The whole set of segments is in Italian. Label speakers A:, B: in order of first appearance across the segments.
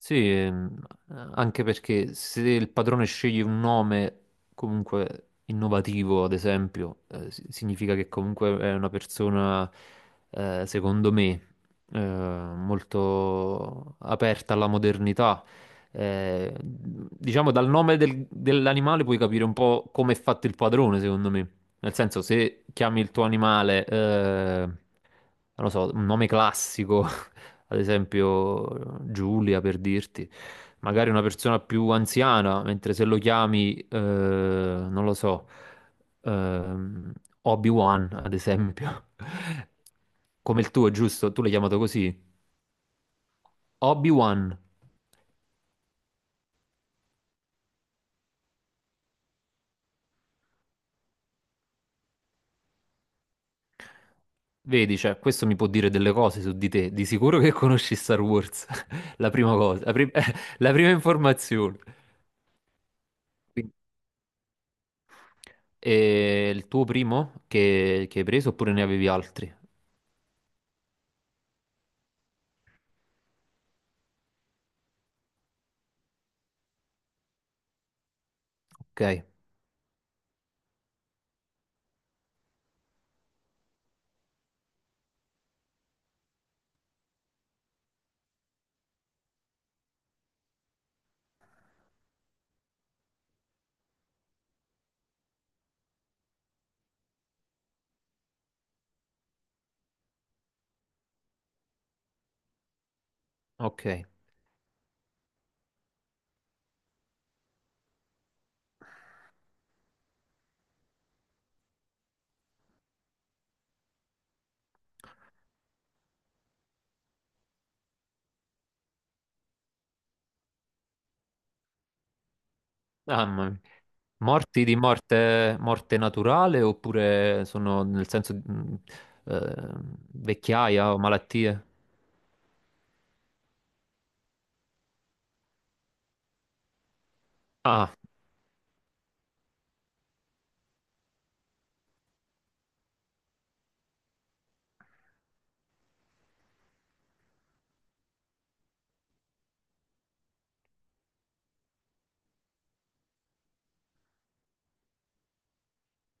A: Sì, anche perché se il padrone sceglie un nome comunque innovativo, ad esempio, significa che comunque è una persona, secondo me, molto aperta alla modernità. Diciamo, dal dell'animale puoi capire un po' come è fatto il padrone, secondo me. Nel senso, se chiami il tuo animale, non lo so, un nome classico ad esempio Giulia per dirti, magari una persona più anziana, mentre se lo chiami, non lo so, ehm, Obi-Wan ad esempio, come il tuo, giusto? Tu l'hai chiamato così? Obi-Wan. Vedi, cioè, questo mi può dire delle cose su di te. Di sicuro che conosci Star Wars. La prima cosa, la prima informazione. Quindi, è il tuo primo che hai preso oppure ne avevi altri? Ok, ok. Mamma mia. Morti di morte, morte naturale oppure sono nel senso di, eh, vecchiaia o malattie? Ah,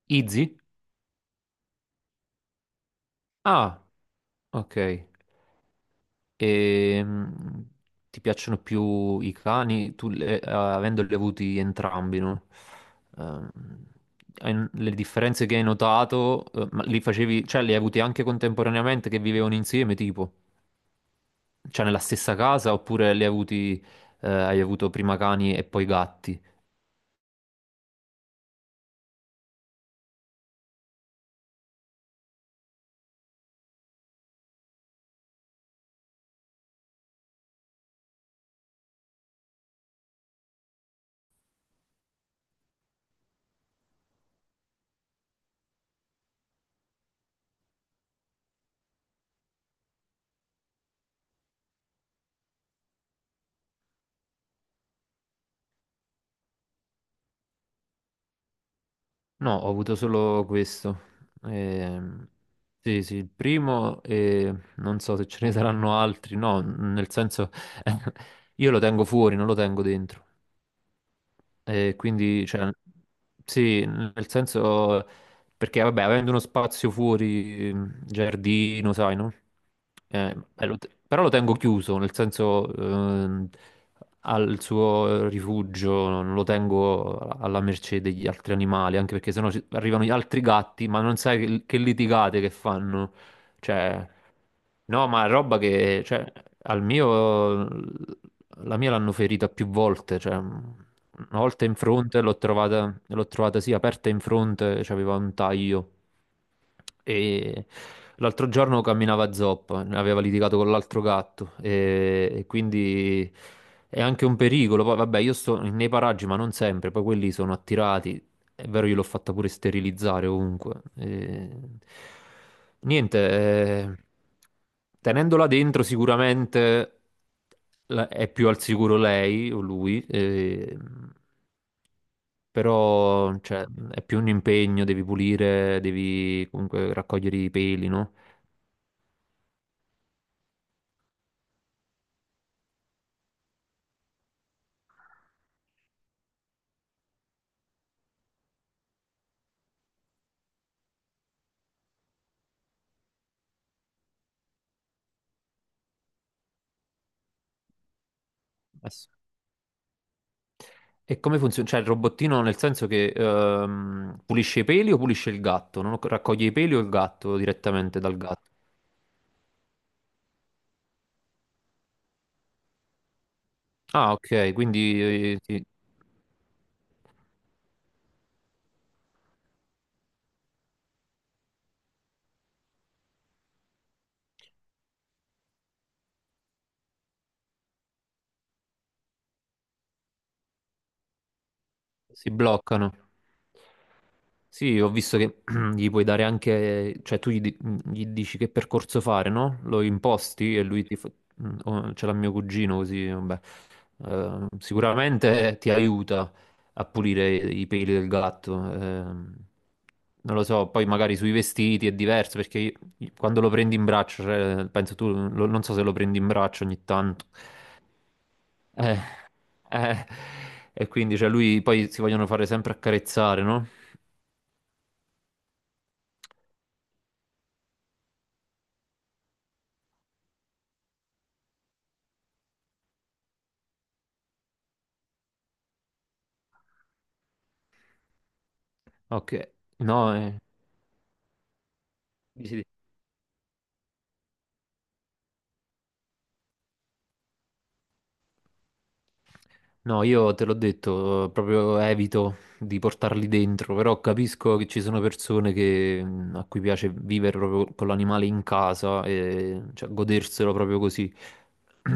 A: Izzy? Ah, ok. E, ti piacciono più i cani, tu avendoli avuti entrambi, no? Ehm, le differenze che hai notato, ma li facevi, cioè li hai avuti anche contemporaneamente che vivevano insieme, tipo? Cioè nella stessa casa oppure li hai avuti, hai avuto prima cani e poi gatti? No, ho avuto solo questo. Ehm, sì, sì, il primo e non so se ce ne saranno altri. No, nel senso, io lo tengo fuori, non lo tengo dentro. E quindi, cioè, sì, nel senso, perché vabbè, avendo uno spazio fuori, giardino, sai, no? Però lo tengo chiuso, nel senso, al suo rifugio, non lo tengo alla mercé degli altri animali, anche perché sennò arrivano gli altri gatti, ma non sai che litigate che fanno. Cioè, no, ma roba che, cioè, al mio la mia l'hanno ferita più volte, cioè, una volta in fronte l'ho trovata sì aperta in fronte, c'aveva un taglio, e l'altro giorno camminava a zoppa, aveva litigato con l'altro e quindi è anche un pericolo. Poi vabbè, io sto nei paraggi, ma non sempre, poi quelli sono attirati. È vero, io l'ho fatta pure sterilizzare ovunque. E niente, tenendola dentro sicuramente è più al sicuro lei o lui. Eh, però cioè, è più un impegno, devi pulire, devi comunque raccogliere i peli, no? Eh sì. E come funziona? Cioè, il robottino nel senso che pulisce i peli o pulisce il gatto? Non ho- Raccoglie i peli o il gatto direttamente dal gatto? Ah, ok, quindi, si, si bloccano. Sì, ho visto che gli puoi dare anche, gli dici che percorso fare, no? Lo imposti e lui ti fa... oh, ce l'ha mio cugino, così, vabbè. Sicuramente ti aiuta a pulire i peli del gatto. Ehm. non lo so, poi magari sui vestiti è diverso perché quando lo prendi in braccio, cioè, penso tu, non so se lo prendi in braccio ogni tanto. Eh, eh, e quindi, cioè, lui poi si vogliono fare sempre accarezzare, no? Ok, no, eh. Sì, sì. No, io te l'ho detto, proprio evito di portarli dentro, però capisco che ci sono persone che, a cui piace vivere proprio con l'animale in casa e cioè, goderselo proprio così.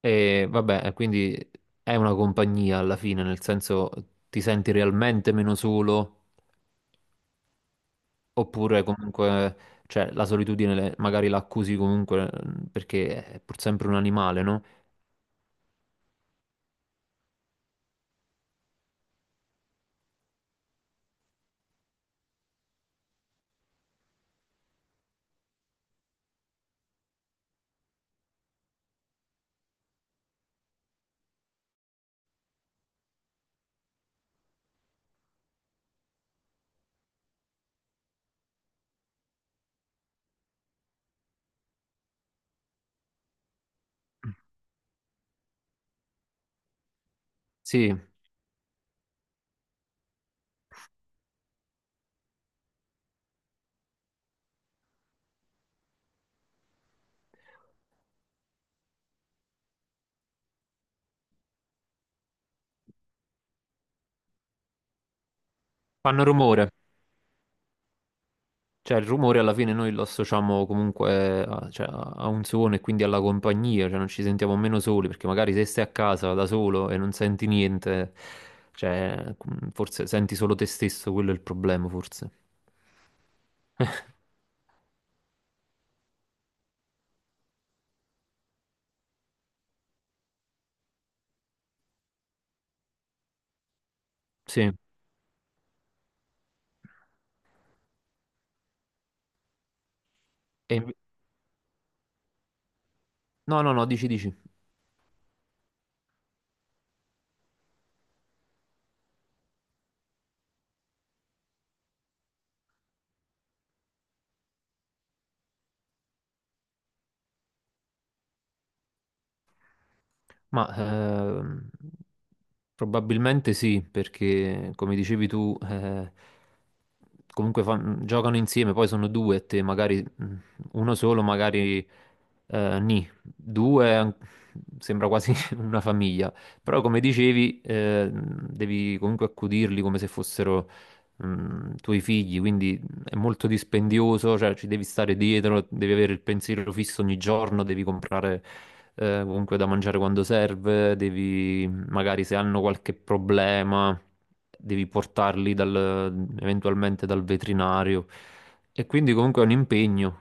A: E vabbè, quindi è una compagnia alla fine, nel senso ti senti realmente meno solo, oppure comunque cioè, magari la accusi comunque, perché è pur sempre un animale, no? Sì, fanno rumore. Cioè, il rumore alla fine noi lo associamo comunque a, cioè, a un suono e quindi alla compagnia, cioè non ci sentiamo meno soli, perché magari se stai a casa da solo e non senti niente, cioè, forse senti solo te stesso, quello è il problema, forse. Sì. E inve- No, no, no, dici, dici. Ma probabilmente sì, perché come dicevi tu, comunque giocano insieme, poi sono due e te, magari, uno solo, magari, eh, nì, due an- sembra quasi una famiglia, però come dicevi, devi comunque accudirli come se fossero, tuoi figli, quindi è molto dispendioso, cioè ci devi stare dietro, devi avere il pensiero fisso ogni giorno, devi comprare, comunque, da mangiare quando serve, devi magari se hanno qualche problema, devi eventualmente dal veterinario. E quindi comunque è un impegno.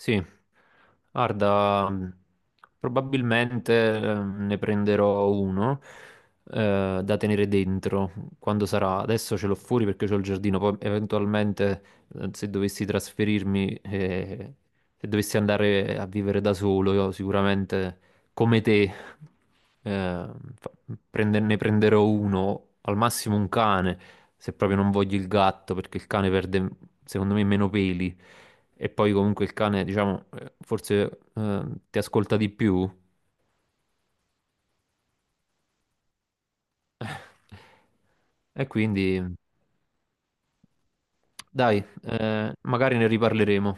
A: Sì, guarda, probabilmente, ne prenderò uno, da tenere dentro quando sarà. Adesso ce l'ho fuori perché c'ho il giardino, poi eventualmente, se dovessi trasferirmi, se dovessi andare a vivere da solo, io sicuramente come te, fa- ne prenderò uno, al massimo un cane se proprio non voglio il gatto, perché il cane perde, secondo me, meno peli. E poi comunque il cane, diciamo, forse ti ascolta di più. E quindi, dai, magari ne riparleremo.